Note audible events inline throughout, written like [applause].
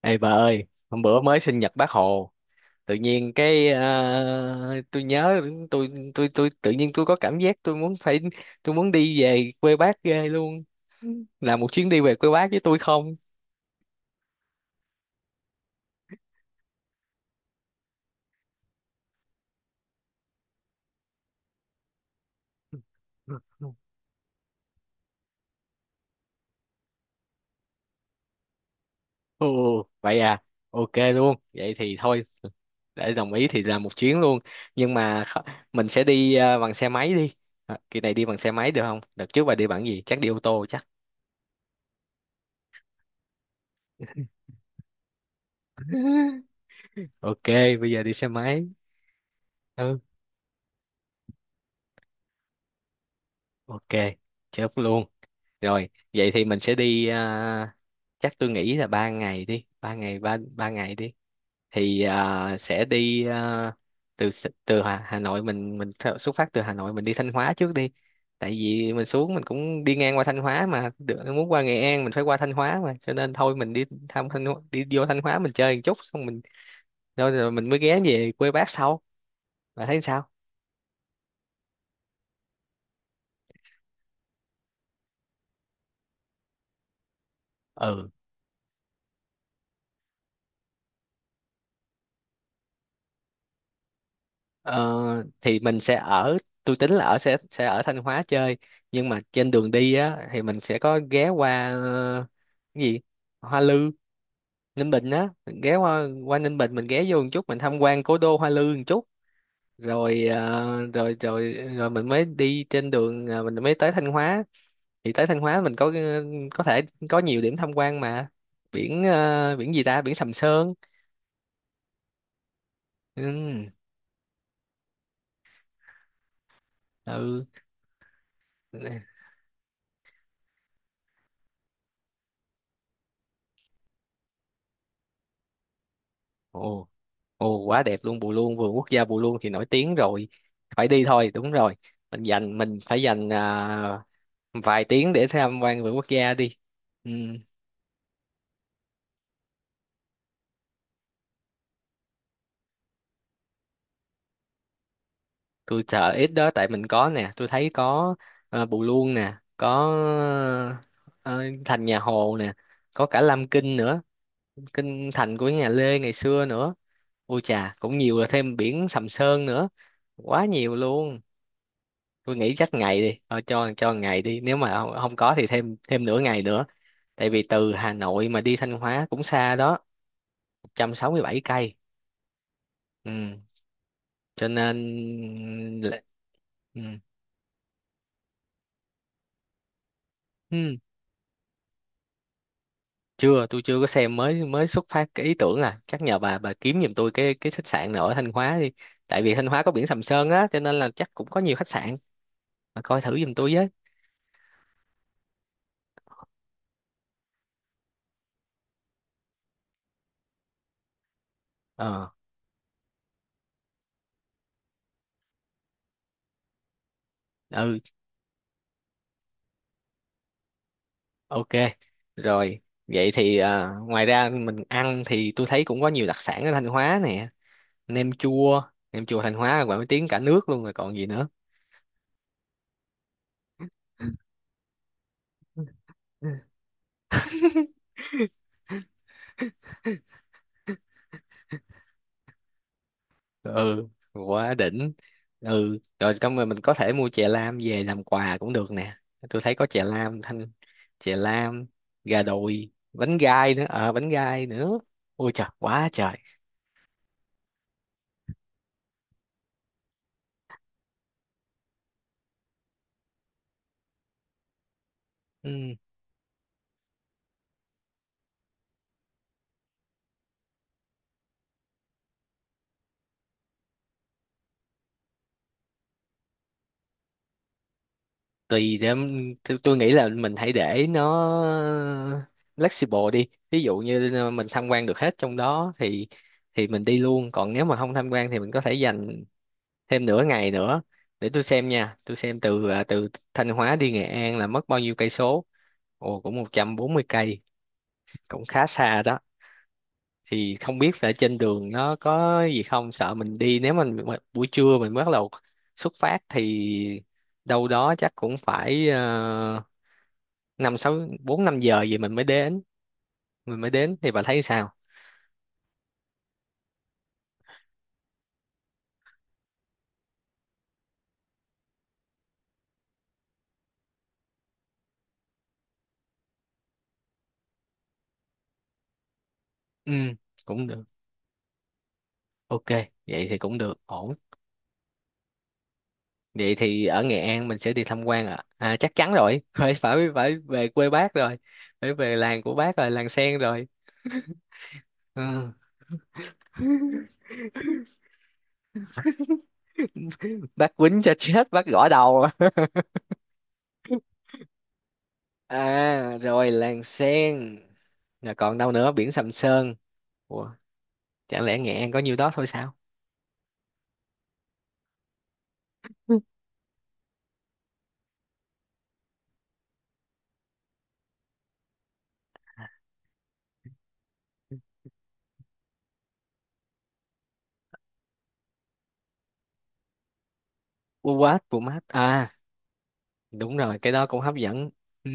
Ê bà ơi, hôm bữa mới sinh nhật bác Hồ, tự nhiên tôi nhớ tôi tự nhiên tôi có cảm giác tôi muốn phải tôi muốn đi về quê bác ghê luôn. Là một chuyến đi về quê bác với tôi không? Ồ, vậy à, ok luôn. Vậy thì thôi, để đồng ý thì làm một chuyến luôn. Nhưng mà kh- mình sẽ đi bằng xe máy đi. À, kỳ này đi bằng xe máy được không? Đợt trước bà đi bằng gì? Chắc đi ô tô chắc. [laughs] Ok, bây giờ đi xe máy. Ừ, ok, chốt luôn. Rồi, vậy thì mình sẽ chắc tôi nghĩ là ba ngày đi, ba ngày đi. Sẽ từ S- từ Hà, Hà Nội xuất phát từ Hà Nội mình đi Thanh Hóa trước đi. Tại vì mình xuống mình cũng đi ngang qua Thanh Hóa mà được, muốn qua Nghệ An mình phải qua Thanh Hóa mà, cho nên thôi mình đi thăm đi vô Thanh Hóa mình chơi một chút xong mình rồi, rồi mình mới ghé về quê bác sau. Bạn thấy sao? Ừ. Ờ, thì mình sẽ ở tôi tính là ở sẽ ở Thanh Hóa chơi nhưng mà trên đường đi á thì mình sẽ có ghé qua cái gì Hoa Lư Ninh Bình á ghé qua qua Ninh Bình mình ghé vô một chút mình tham quan cố đô Hoa Lư một chút rồi ờ, rồi rồi rồi mình mới đi trên đường, mình mới tới Thanh Hóa thì tới Thanh Hóa mình có thể có nhiều điểm tham quan mà biển gì ta biển Sầm Sơn ừ, ừ. Ồ, Ồ quá đẹp luôn Bù Luông, vườn quốc gia Bù Luông thì nổi tiếng rồi, phải đi thôi, đúng rồi. Mình dành mình phải dành vài tiếng để tham quan vườn quốc gia đi. Ừ, tôi sợ ít đó tại mình có nè, tôi thấy có Bù Luông nè, có ờ, thành nhà Hồ nè, có cả Lam Kinh nữa, kinh thành của nhà Lê ngày xưa nữa. Ôi chà cũng nhiều, là thêm biển Sầm Sơn nữa, quá nhiều luôn. Tôi nghĩ chắc ngày đi thôi, cho ngày đi, nếu mà không, không có thì thêm thêm nửa ngày nữa. Tại vì từ Hà Nội mà đi Thanh Hóa cũng xa đó, 167 cây. Ừ. Cho nên là- ừ. Ừ. Chưa, tôi chưa có xem, mới mới xuất phát cái ý tưởng à, chắc nhờ bà kiếm giùm tôi cái khách sạn nào ở Thanh Hóa đi. Tại vì Thanh Hóa có biển Sầm Sơn á cho nên là chắc cũng có nhiều khách sạn. Bà coi thử giùm tôi với. Ờ ừ Ok, rồi vậy thì ngoài ra mình ăn thì tôi thấy cũng có nhiều đặc sản ở Thanh Hóa nè, nem chua, nem chua Thanh Hóa là nổi tiếng cả nước luôn rồi còn gì nữa. [laughs] Ừ, quá đỉnh. Ừ, rồi xong rồi mình có thể mua chè lam về làm quà cũng được nè. Tôi thấy có chè lam Thanh, chè lam, gà đùi, bánh gai nữa, ờ bánh gai nữa. Ôi trời, quá trời. Ừ. Tùy tôi nghĩ là mình hãy để nó flexible đi, ví dụ như mình tham quan được hết trong đó thì mình đi luôn, còn nếu mà không tham quan thì mình có thể dành thêm nửa ngày nữa. Để tôi xem nha, tôi xem từ Thanh Hóa đi Nghệ An là mất bao nhiêu cây số. Ồ cũng 140 cây, cũng khá xa đó. Thì không biết là trên đường nó có gì không, sợ mình đi nếu mình mà buổi trưa mình bắt đầu xuất phát thì đâu đó chắc cũng phải năm sáu bốn năm giờ gì mình mới đến, mình mới đến thì bà thấy sao. Ừ cũng được, ok, vậy thì cũng được ổn. Vậy thì ở Nghệ An mình sẽ đi tham quan ạ à? Chắc chắn rồi [laughs] phải phải phải về quê bác rồi, phải về làng của bác rồi, làng sen rồi. Ừ. [laughs] Bác quýnh cho chết, bác gõ đầu. À rồi làng sen, rồi còn đâu nữa, biển Sầm Sơn. Ủa, chẳng lẽ Nghệ An có nhiêu đó thôi sao. [laughs] Ừ. What Pumat à, đúng rồi, cái đó cũng hấp dẫn. Ừ.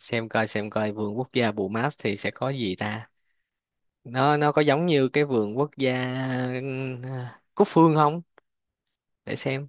Xem coi, xem coi vườn quốc gia Bumat thì sẽ có gì ta, nó có giống như cái vườn quốc gia ừm, Cúc Phương không, để xem.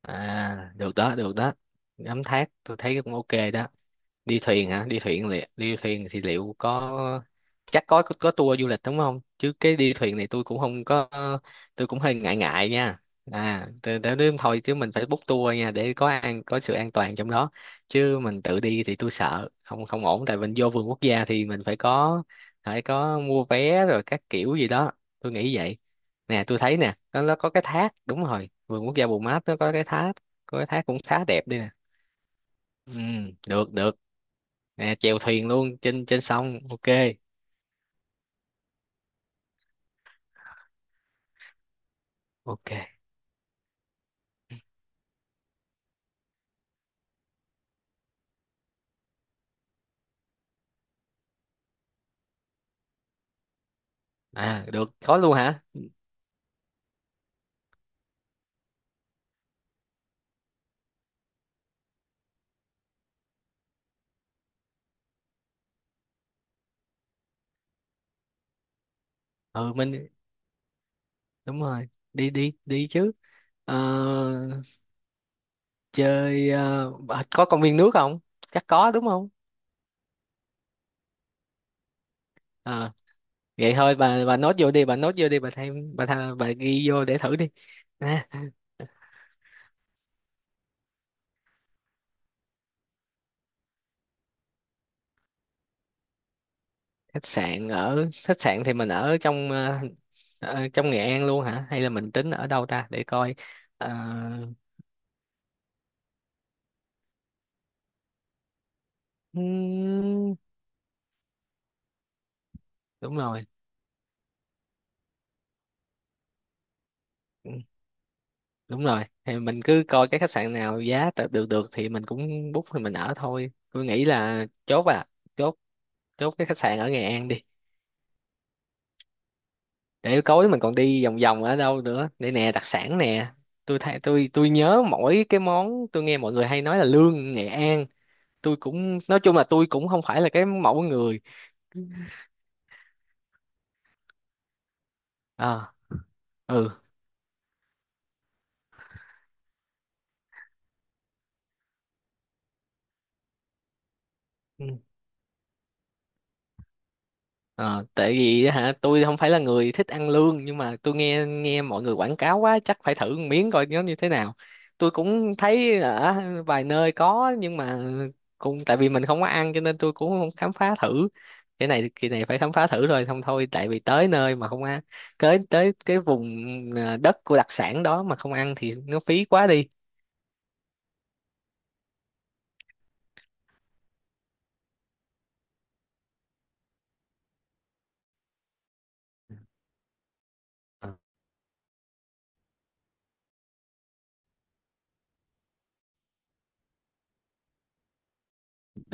À được đó, được đó, ngắm thác tôi thấy cũng ok đó. Đi thuyền hả, đi thuyền liệu, đi thuyền thì liệu có, chắc có tour du lịch đúng không, chứ cái đi thuyền này tôi cũng không có, tôi cũng hơi ngại ngại nha. À để thôi, chứ mình phải book tour nha để có an có sự an toàn trong đó, chứ mình tự đi thì tôi sợ không không ổn, tại mình vô vườn quốc gia thì mình phải có mua vé rồi các kiểu gì đó, tôi nghĩ vậy. Nè tôi thấy nè nó có cái thác, đúng rồi, vườn quốc gia Bù Mát nó có cái thác, có cái thác cũng khá đẹp đây nè. Ừ, được được nè, chèo thuyền luôn trên trên sông, ok ok. À được, có luôn hả. Ừ mình đúng rồi, đi đi đi chứ. Ờ, có công viên nước không, chắc có đúng không. Ờ, vậy thôi bà nốt vô đi, bà nốt vô đi, bà thêm bà ghi vô để thử đi. Nè, khách sạn, ở khách sạn thì mình ở trong trong Nghệ An luôn hả, hay là mình tính ở đâu ta, để coi. Ờ, ừm, đúng rồi, đúng rồi, thì mình cứ coi cái khách sạn nào giá tạm được được thì mình cũng book thì mình ở thôi, tôi nghĩ là chốt, chốt cái khách sạn ở Nghệ An đi. Để tối mình còn đi vòng vòng ở đâu nữa, để nè đặc sản nè, tôi thấy tôi nhớ mỗi cái món tôi nghe mọi người hay nói là lương Nghệ An, tôi cũng nói chung là tôi cũng không phải là cái mẫu người à. Ừ. Ờ, tại vì á hả tôi không phải là người thích ăn lương, nhưng mà tôi nghe nghe mọi người quảng cáo quá chắc phải thử một miếng coi nó như thế nào. Tôi cũng thấy ở vài nơi có nhưng mà cũng tại vì mình không có ăn cho nên tôi cũng không khám phá thử. Cái này kỳ này phải khám phá thử rồi, không thôi tại vì tới nơi mà không ăn, tới tới cái vùng đất của đặc sản đó mà không ăn thì nó phí quá đi. Ờ,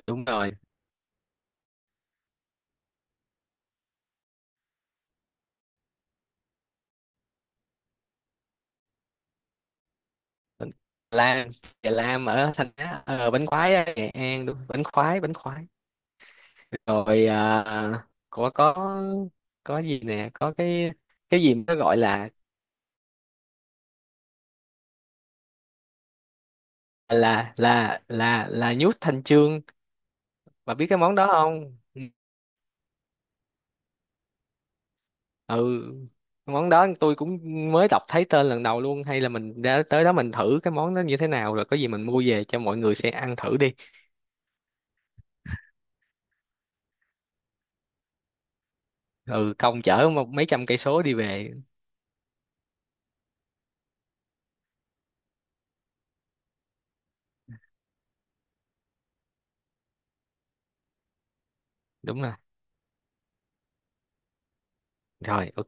đúng rồi, lam, chè lam ở thành Á, bánh khoái á, Nghệ An đúng, bánh khoái, bánh khoái rồi. Có có gì nè, có cái gì mà nó gọi là là nhút Thanh Chương, bà biết cái món đó không. Ừ món đó tôi cũng mới đọc thấy tên lần đầu luôn, hay là mình đã tới đó mình thử cái món đó như thế nào rồi, có gì mình mua về cho mọi người sẽ ăn thử đi. Ừ công chở một mấy trăm cây số đi về. Đúng rồi, rồi ok.